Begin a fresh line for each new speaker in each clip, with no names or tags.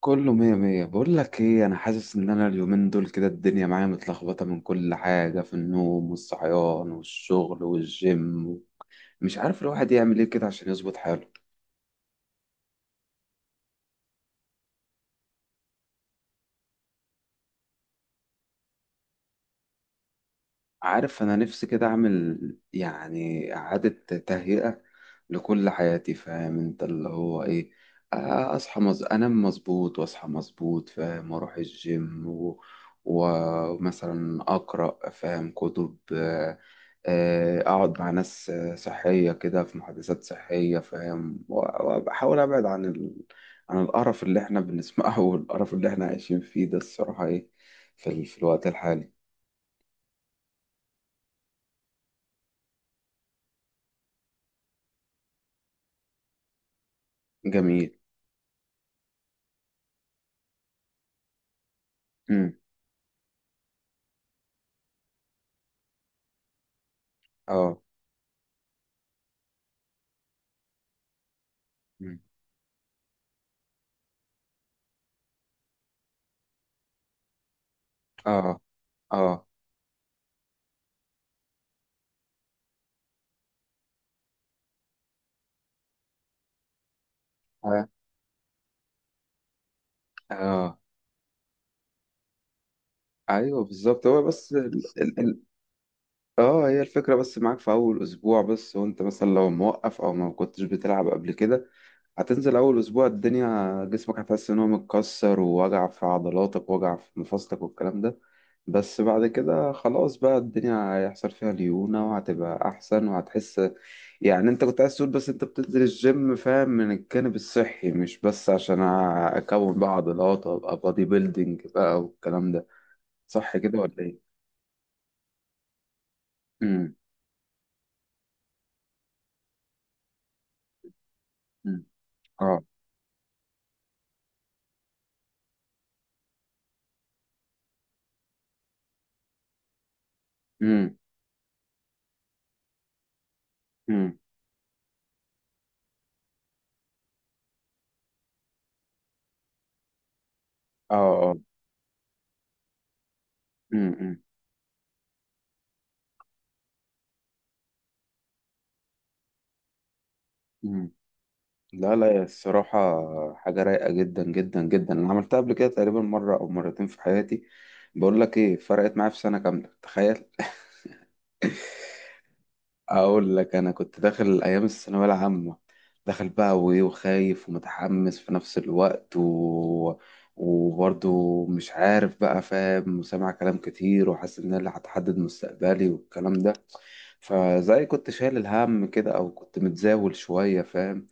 كله مية مية، بقول لك ايه، انا حاسس ان انا اليومين دول كده الدنيا معايا متلخبطة من كل حاجة، في النوم والصحيان والشغل والجيم. مش عارف الواحد يعمل ايه كده عشان يظبط حاله. عارف انا نفسي كده اعمل يعني اعادة تهيئة لكل حياتي، فاهم انت اللي هو ايه. اصحى انام مظبوط واصحى مظبوط، فاهم، واروح الجيم ومثلا اقرا، فاهم، كتب، اقعد مع ناس صحية كده، في محادثات صحية، فاهم، و- وبحاول ابعد عن عن القرف اللي احنا بنسمعه والقرف اللي احنا عايشين فيه ده، الصراحة، ايه في، في الوقت الحالي. جميل. اه. مم. اه، اه، اه. آه. ايوه بالظبط، هو بس ال... ال... اه هي الفكره، بس معاك في اول اسبوع بس، وانت مثلا لو موقف او ما كنتش بتلعب قبل كده، هتنزل أول أسبوع الدنيا، جسمك هتحس إن هو متكسر، ووجع في عضلاتك ووجع في مفاصلك والكلام ده. بس بعد كده خلاص بقى الدنيا هيحصل فيها ليونة وهتبقى أحسن وهتحس. يعني أنت كنت عايز تقول بس أنت بتنزل الجيم، فاهم، من الجانب الصحي، مش بس عشان أكون بقى عضلات وأبقى بادي بيلدينج بقى والكلام ده. صح كده ولا إيه؟ أمم. أمم. أه. أمم. أمم. أه، أه. أمم. أمم. لا لا، هي الصراحة حاجة رايقة جدا جدا جدا. أنا عملتها قبل كده تقريبا مرة أو مرتين في حياتي. بقول لك إيه، فرقت معايا في سنة كاملة، تخيل. أقول لك، أنا كنت داخل أيام الثانوية العامة. داخل بقى، وإيه، وخايف ومتحمس في نفس الوقت وبرضه مش عارف بقى، فاهم، وسامع كلام كتير وحاسس إن أنا اللي هتحدد مستقبلي والكلام ده. فزي كنت شايل الهم كده، أو كنت متزاول شوية، فاهم.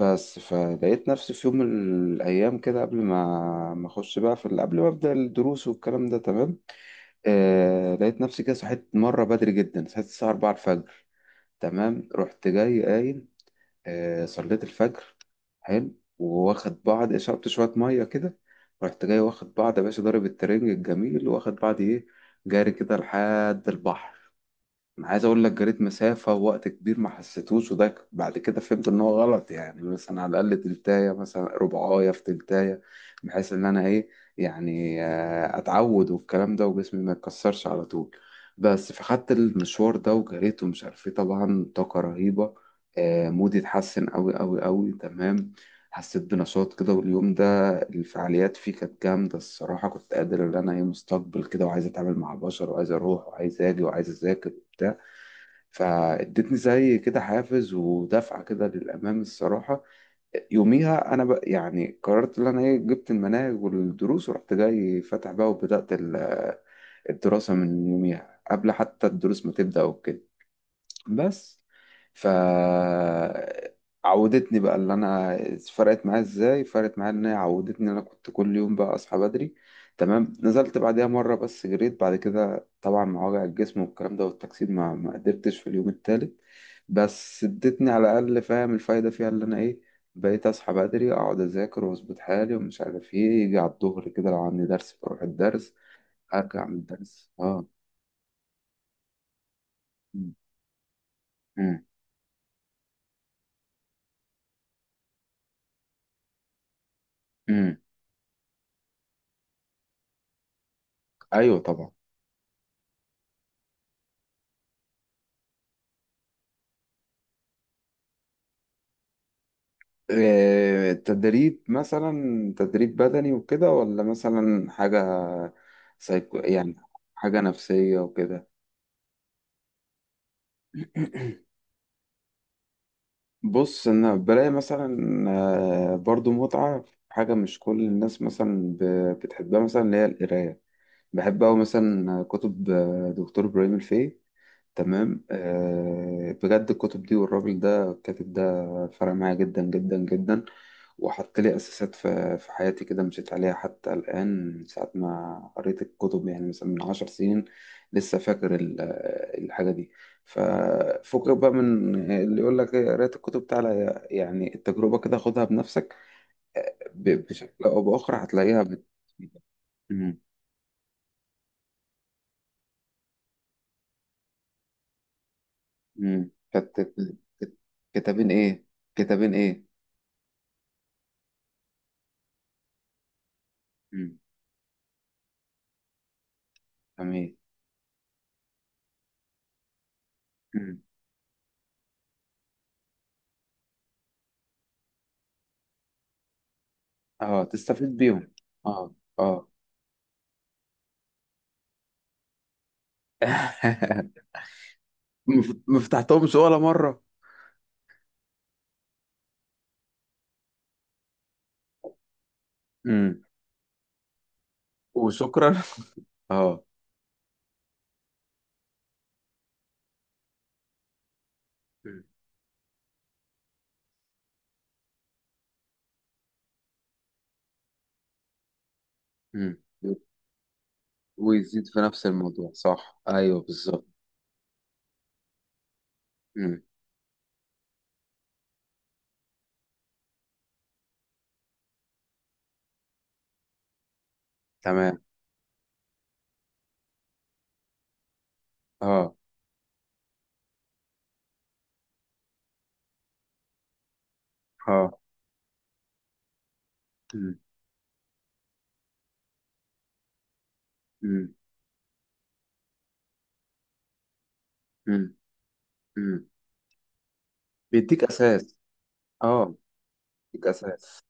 بس فلقيت نفسي في يوم من الأيام كده، قبل ما أخش بقى في قبل ما أبدأ الدروس والكلام ده، تمام. آه، لقيت نفسي كده صحيت مرة بدري جدا، صحيت الساعة 4 الفجر، تمام. رحت جاي قايم، آه، صليت الفجر، حلو، واخد بعض شربت شوية مية كده، رحت جاي واخد بعض يا باشا، ضارب الترنج الجميل، واخد بعض إيه، جاري كده لحد البحر. انا عايز اقول لك، جريت مسافه ووقت كبير ما حسيتوش، وده بعد كده فهمت ان هو غلط، يعني مثلا على الاقل تلتايه، مثلا ربعايه في تلتايه، بحيث ان انا ايه، يعني اتعود والكلام ده وجسمي ما يتكسرش على طول. بس فخدت المشوار ده وجريت ومش عارف ايه، طبعا طاقه رهيبه، مودي اتحسن قوي قوي قوي، تمام. حسيت بنشاط كده، واليوم ده الفعاليات فيه كانت جامدة الصراحة، كنت قادر إن أنا إيه، مستقبل كده وعايز أتعامل مع بشر وعايز أروح وعايز أجي وعايز أذاكر وبتاع. فادتني زي كده حافز ودفعة كده للأمام الصراحة. يوميها أنا بقى يعني قررت إن أنا إيه، جبت المناهج والدروس ورحت جاي فاتح بقى، وبدأت الدراسة من يوميها قبل حتى الدروس ما تبدأ وكده. بس. ف عودتني بقى اللي انا، فرقت معايا ازاي؟ فرقت معايا ان هي عودتني إن انا كنت كل يوم بقى اصحى بدري، تمام. نزلت بعدها مره بس جريت بعد كده، طبعا مع وجع الجسم والكلام ده والتكسيد ما قدرتش في اليوم التالت. بس ادتني على الاقل، فاهم، الفايده فيها اللي انا ايه، بقيت اصحى بدري، اقعد اذاكر واظبط حالي ومش عارف ايه، يجي على الظهر كده لو عندي درس بروح الدرس، ارجع من الدرس. اه. امم. امم. ايوه طبعا. تدريب مثلا، تدريب بدني وكده؟ ولا مثلا حاجة سايكو يعني، حاجة نفسية وكده؟ بص انا بلاقي مثلا برضو متعة في حاجة مش كل الناس مثلا بتحبها، مثلا اللي هي القراية. بحب أوي مثلا كتب دكتور إبراهيم الفقي. تمام، آه، بجد الكتب دي والراجل ده، الكاتب ده فرق معايا جدا جدا جدا. وحط لي أساسات في حياتي كده مشيت عليها حتى الآن، من ساعة ما قريت الكتب، يعني مثلا من 10 سنين لسه فاكر الحاجة دي. ففكك بقى من اللي يقول لك إيه، قريت الكتب، تعالى يعني التجربة كده خدها بنفسك. بشكل أو بآخر هتلاقيها بت... مم. مم. كانت كانت- كتابين إيه؟ كتابين إيه؟ مم. تمام. مم. اه، تستفيد بيهم. اه، اه. مفتحتهمش ولا مرة؟ مم. وشكرا. اه. مم. مم. ويزيد في نفس الموضوع، صح، ايوه بالظبط. مم. تمام. اه. اه. مم. مم. مم. مم. بيديك اساس. اه. بيديك اساس.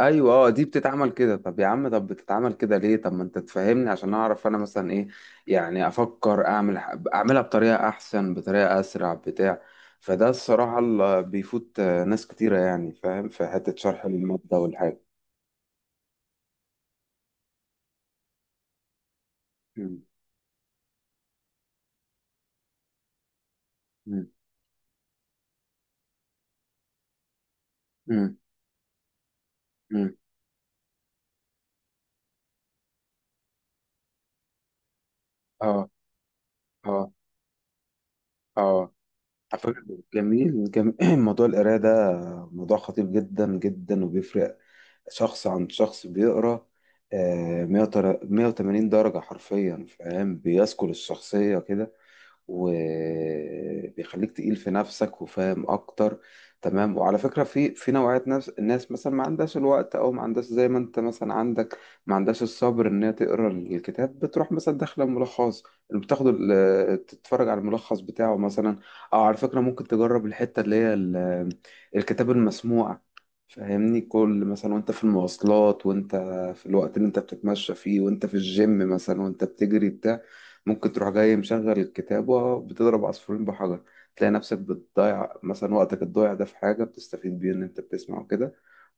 ايوه اه، دي بتتعمل كده، طب يا عم طب بتتعمل كده ليه؟ طب ما انت تفهمني عشان اعرف انا مثلا ايه، يعني افكر اعمل اعملها بطريقه احسن، بطريقه اسرع، بتاع. فده الصراحه اللي بيفوت ناس كتيره، يعني فاهم، في حته شرح الماده والحاجه. مم. مم. مم. مم. اه، اه، اه. على فكرة، جميل جميل. موضوع القرايه ده موضوع خطير جدا جدا، وبيفرق شخص عن شخص بيقرا آه، 180 درجة حرفيا، فاهم، بيسكل الشخصية كده، وبيخليك تقيل في نفسك وفاهم اكتر. تمام. وعلى فكرة، في نوعية ناس، الناس مثلا ما عندهاش الوقت، او ما عندهاش زي ما انت مثلا عندك، ما عندهاش الصبر ان هي تقرا الكتاب، بتروح مثلا داخله ملخص، بتاخد تتفرج على الملخص بتاعه مثلا. او على فكرة، ممكن تجرب الحتة اللي هي الكتاب المسموع. فاهمني، كل مثلا وانت في المواصلات، وانت في الوقت اللي انت بتتمشى فيه، وانت في الجيم مثلا وانت بتجري، بتاع، ممكن تروح جاي مشغل الكتابة، بتضرب عصفورين بحجر. تلاقي نفسك بتضيع مثلا وقتك الضايع ده في حاجة بتستفيد بيه، إن أنت بتسمع وكده.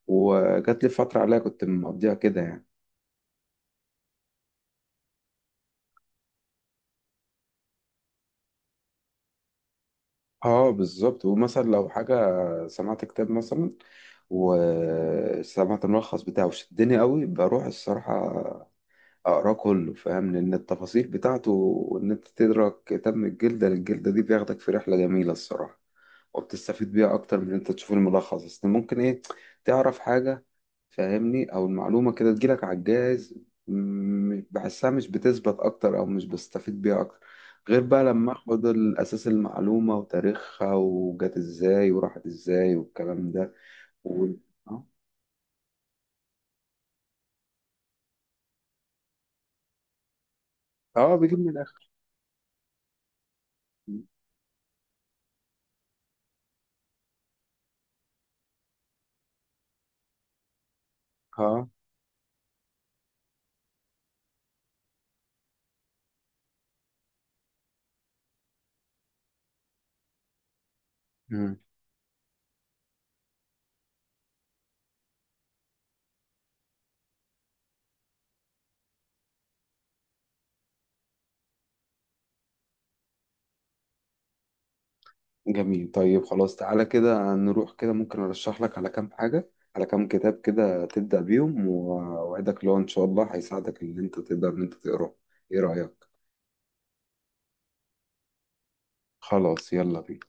وجات لي فترة عليها كنت مقضيها كده يعني. اه بالظبط. ومثلا لو حاجة سمعت كتاب مثلا وسمعت الملخص بتاعه وشدني قوي، بروح الصراحة أقراه كله، فاهم، لأن التفاصيل بتاعته، وإن أنت تدرك كتاب من الجلدة للجلدة، دي بياخدك في رحلة جميلة الصراحة. وبتستفيد بيها اكتر من إن انت تشوف الملخص بس. ممكن ايه، تعرف حاجة، فاهمني، او المعلومة كده تجيلك على الجاهز، بحسها مش بتثبت اكتر، او مش بستفيد بيها اكتر، غير بقى لما اخد الاساس، المعلومة وتاريخها، وجت ازاي وراحت ازاي والكلام ده. و... اه. بيجيب من الاخر. اه. جميل. طيب خلاص، تعالى كده نروح كده ممكن ارشح لك على كام حاجة، على كام كتاب كده تبدأ بيهم، واوعدك لو ان شاء الله هيساعدك ان انت تقدر ان انت تقراه. ايه رأيك؟ خلاص، يلا بينا.